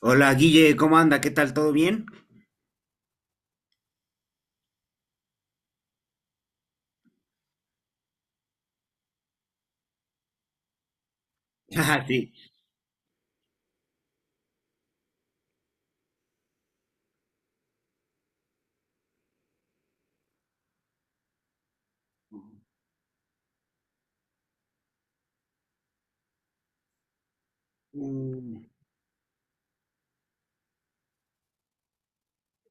Hola Guille, ¿cómo anda? ¿Qué tal? ¿Todo bien? Ah, sí.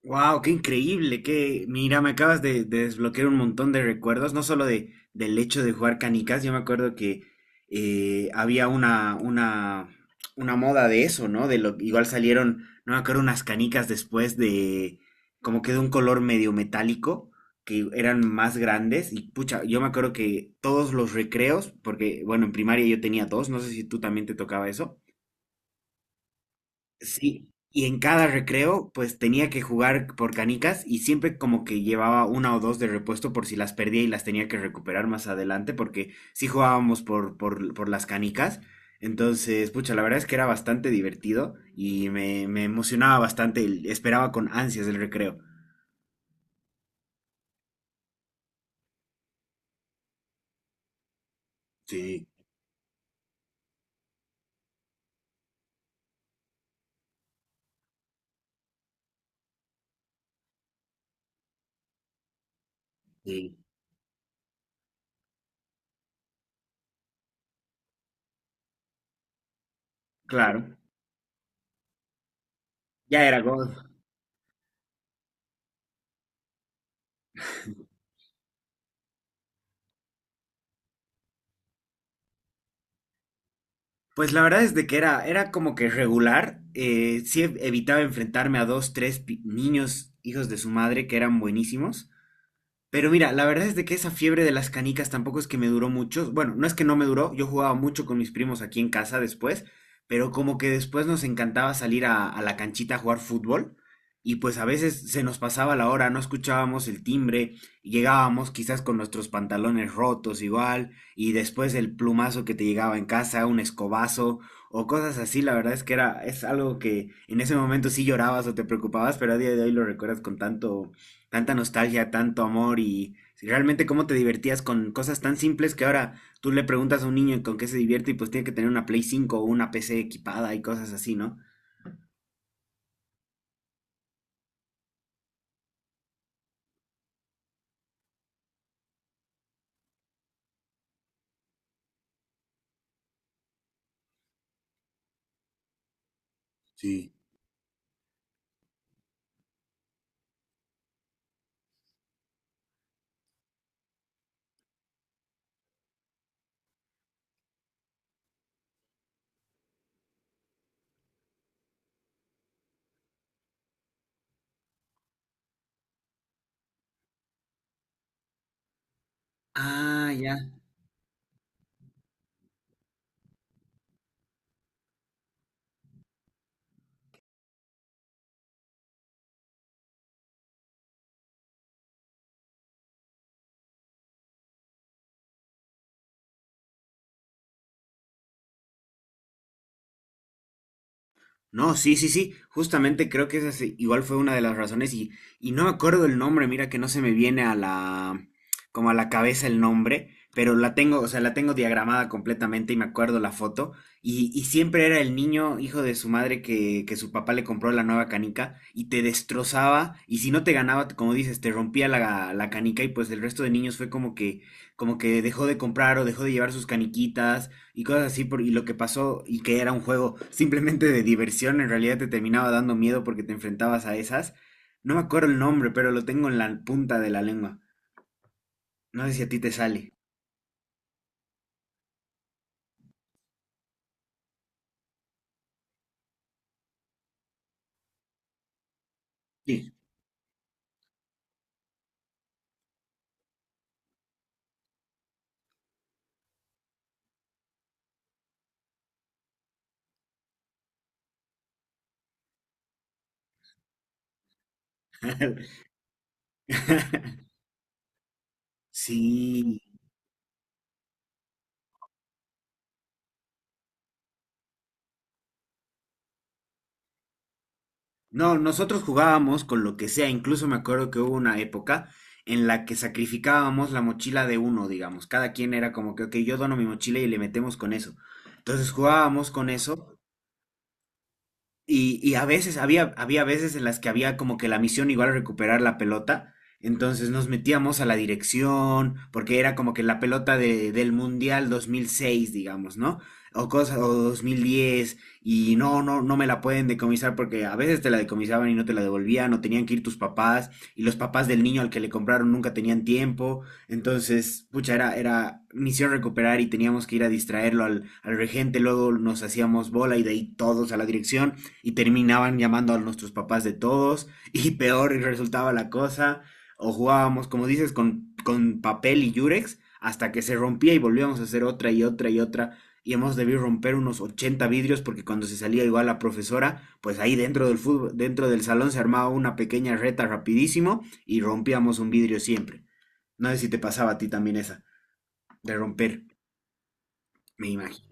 Wow, qué increíble, que mira, me acabas de desbloquear un montón de recuerdos, no solo del hecho de jugar canicas. Yo me acuerdo que había una moda de eso, ¿no? De lo, igual salieron, no me acuerdo, unas canicas después de, como que de un color medio metálico, que eran más grandes. Y pucha, yo me acuerdo que todos los recreos, porque, bueno, en primaria yo tenía dos, no sé si tú también te tocaba eso. Sí, y en cada recreo pues tenía que jugar por canicas y siempre como que llevaba una o dos de repuesto por si las perdía y las tenía que recuperar más adelante, porque sí jugábamos por las canicas. Entonces, pucha, la verdad es que era bastante divertido y me emocionaba bastante, esperaba con ansias el recreo. Sí, sí. Claro, ya era God. Pues la verdad es de que era, era como que regular. Sí, evitaba enfrentarme a dos, tres niños hijos de su madre que eran buenísimos. Pero mira, la verdad es de que esa fiebre de las canicas tampoco es que me duró mucho. Bueno, no es que no me duró, yo jugaba mucho con mis primos aquí en casa después, pero como que después nos encantaba salir a la canchita a jugar fútbol. Y pues a veces se nos pasaba la hora, no escuchábamos el timbre, y llegábamos quizás con nuestros pantalones rotos igual y después el plumazo que te llegaba en casa, un escobazo o cosas así. La verdad es que era, es algo que en ese momento sí llorabas o te preocupabas, pero a día de hoy lo recuerdas con tanto tanta nostalgia, tanto amor. Y si realmente cómo te divertías con cosas tan simples que ahora tú le preguntas a un niño con qué se divierte, y pues tiene que tener una Play 5 o una PC equipada y cosas así, ¿no? Ah, ya. No, sí, sí, sí, justamente creo que esa igual fue una de las razones. Y no me acuerdo el nombre, mira que no se me viene a la, como a la cabeza el nombre, pero la tengo, o sea, la tengo diagramada completamente y me acuerdo la foto. Y siempre era el niño hijo de su madre que su papá le compró la nueva canica y te destrozaba y si no te ganaba, como dices, te rompía la canica. Y pues el resto de niños fue como que dejó de comprar o dejó de llevar sus caniquitas y cosas así, y lo que pasó, y que era un juego simplemente de diversión, en realidad te terminaba dando miedo porque te enfrentabas a esas. No me acuerdo el nombre, pero lo tengo en la punta de la lengua. No sé si a ti te sale. Sí. Sí. No, nosotros jugábamos con lo que sea. Incluso me acuerdo que hubo una época en la que sacrificábamos la mochila de uno, digamos. Cada quien era como que, ok, yo dono mi mochila y le metemos con eso. Entonces jugábamos con eso. Y a veces, había veces en las que había como que la misión igual recuperar la pelota. Entonces nos metíamos a la dirección, porque era como que la pelota del Mundial 2006, digamos, ¿no? O cosas, o 2010, y no, no, no me la pueden decomisar porque a veces te la decomisaban y no te la devolvían, o tenían que ir tus papás, y los papás del niño al que le compraron nunca tenían tiempo. Entonces, pucha, era, era misión recuperar y teníamos que ir a distraerlo al regente, luego nos hacíamos bola y de ahí todos a la dirección, y terminaban llamando a nuestros papás de todos y peor resultaba la cosa. O jugábamos, como dices, con papel y yurex hasta que se rompía y volvíamos a hacer otra y otra y otra. Y hemos debido romper unos 80 vidrios porque cuando se salía igual la profesora, pues ahí dentro del fútbol, dentro del salón se armaba una pequeña reta rapidísimo y rompíamos un vidrio siempre. No sé si te pasaba a ti también esa de romper, me imagino.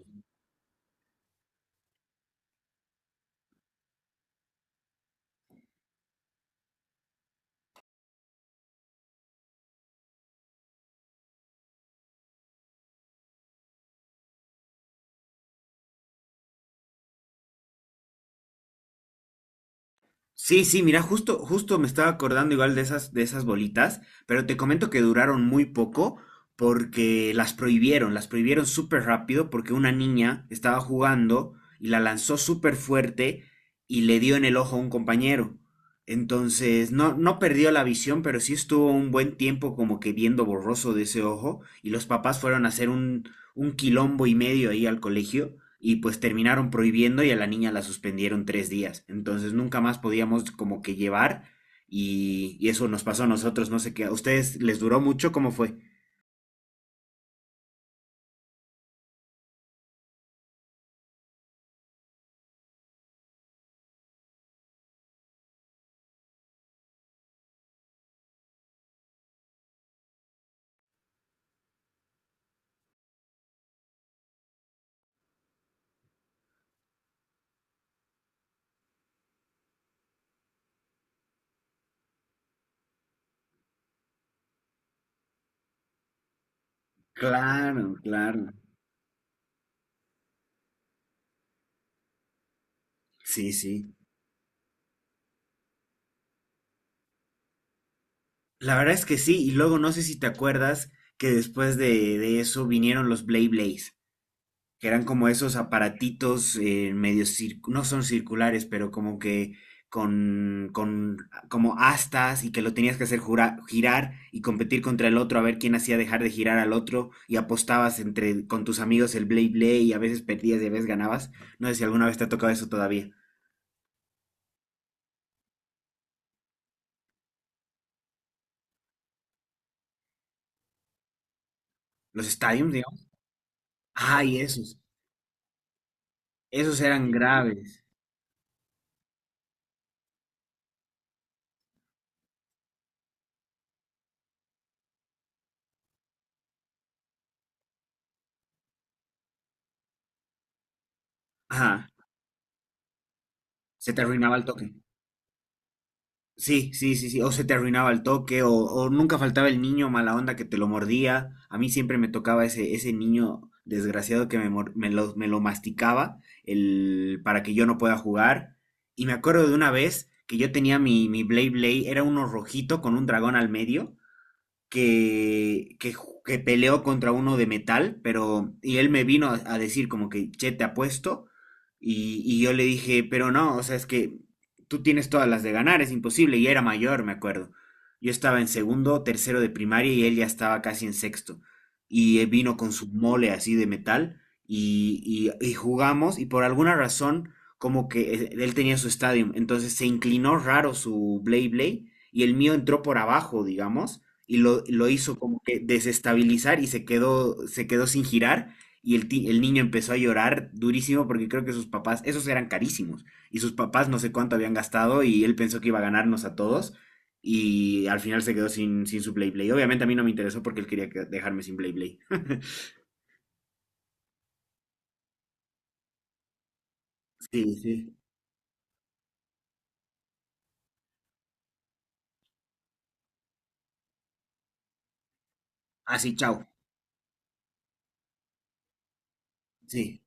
Sí, sí, mira, justo me estaba acordando igual de esas, bolitas, pero te comento que duraron muy poco porque las prohibieron súper rápido porque una niña estaba jugando y la lanzó súper fuerte y le dio en el ojo a un compañero. Entonces, no, no perdió la visión, pero sí estuvo un buen tiempo como que viendo borroso de ese ojo, y los papás fueron a hacer un quilombo y medio ahí al colegio y pues terminaron prohibiendo, y a la niña la suspendieron 3 días. Entonces nunca más podíamos como que llevar, y eso nos pasó a nosotros, no sé qué. ¿A ustedes les duró mucho? ¿Cómo fue? Claro, claro. Sí, sí. La verdad es que sí. Y luego no sé si te acuerdas que después de eso vinieron los Blay Blays, que eran como esos aparatitos medio no son circulares, pero como que con como astas y que lo tenías que hacer girar y competir contra el otro a ver quién hacía dejar de girar al otro, y apostabas entre con tus amigos el Blade Blade, y a veces perdías y a veces ganabas. No sé si alguna vez te ha tocado eso todavía. Los stadiums, digamos. Ay, esos. Esos eran graves. Ajá. Se te arruinaba el toque. Sí, sí, sí, sí. O se te arruinaba el toque, o nunca faltaba el niño mala onda que te lo mordía. A mí siempre me tocaba ese niño desgraciado que me lo masticaba para que yo no pueda jugar. Y me acuerdo de una vez que yo tenía mi Blade Blade, era uno rojito con un dragón al medio, que peleó contra uno de metal, pero, y él me vino a decir como que, che, te apuesto, y yo le dije, pero no, o sea, es que tú tienes todas las de ganar, es imposible, y era mayor, me acuerdo. Yo estaba en segundo, tercero de primaria, y él ya estaba casi en sexto, y él vino con su mole así de metal, y jugamos, y por alguna razón, como que él tenía su estadio, entonces se inclinó raro su Blade Blade, y el mío entró por abajo, digamos, y lo hizo como que desestabilizar, y se quedó sin girar. Y el niño empezó a llorar durísimo porque creo que sus papás, esos eran carísimos, y sus papás no sé cuánto habían gastado y él pensó que iba a ganarnos a todos y al final se quedó sin su Play Play. Obviamente a mí no me interesó porque él quería dejarme sin Play Play. Sí, sí. Así, chao. Sí.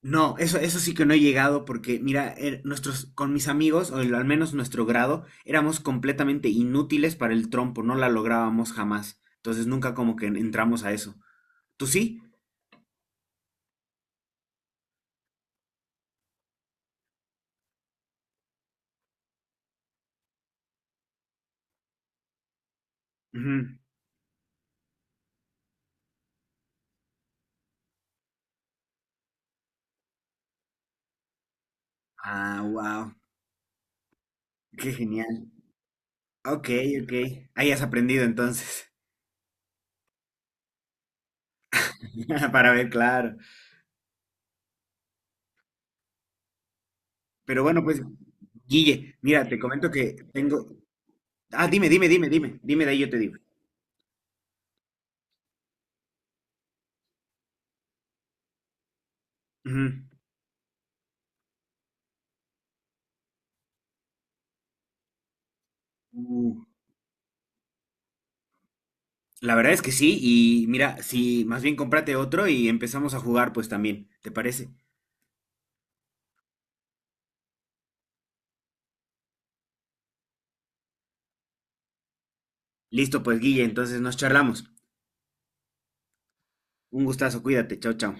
No, eso sí que no he llegado porque, mira, con mis amigos, o al menos nuestro grado, éramos completamente inútiles para el trompo, no la lográbamos jamás. Entonces nunca como que entramos a eso. ¿Tú sí? Ujú. Ah, wow, qué genial. Ok, ok. Ahí has aprendido entonces. Para ver, claro. Pero bueno, pues, Guille, mira, te comento que tengo. Ah, dime, dime, dime, dime. Dime de ahí, yo te digo. Ujú. Uh. La verdad es que sí, y mira, si más bien cómprate otro y empezamos a jugar, pues también, ¿te parece? Listo, pues Guille, entonces nos charlamos. Un gustazo, cuídate, chao, chao.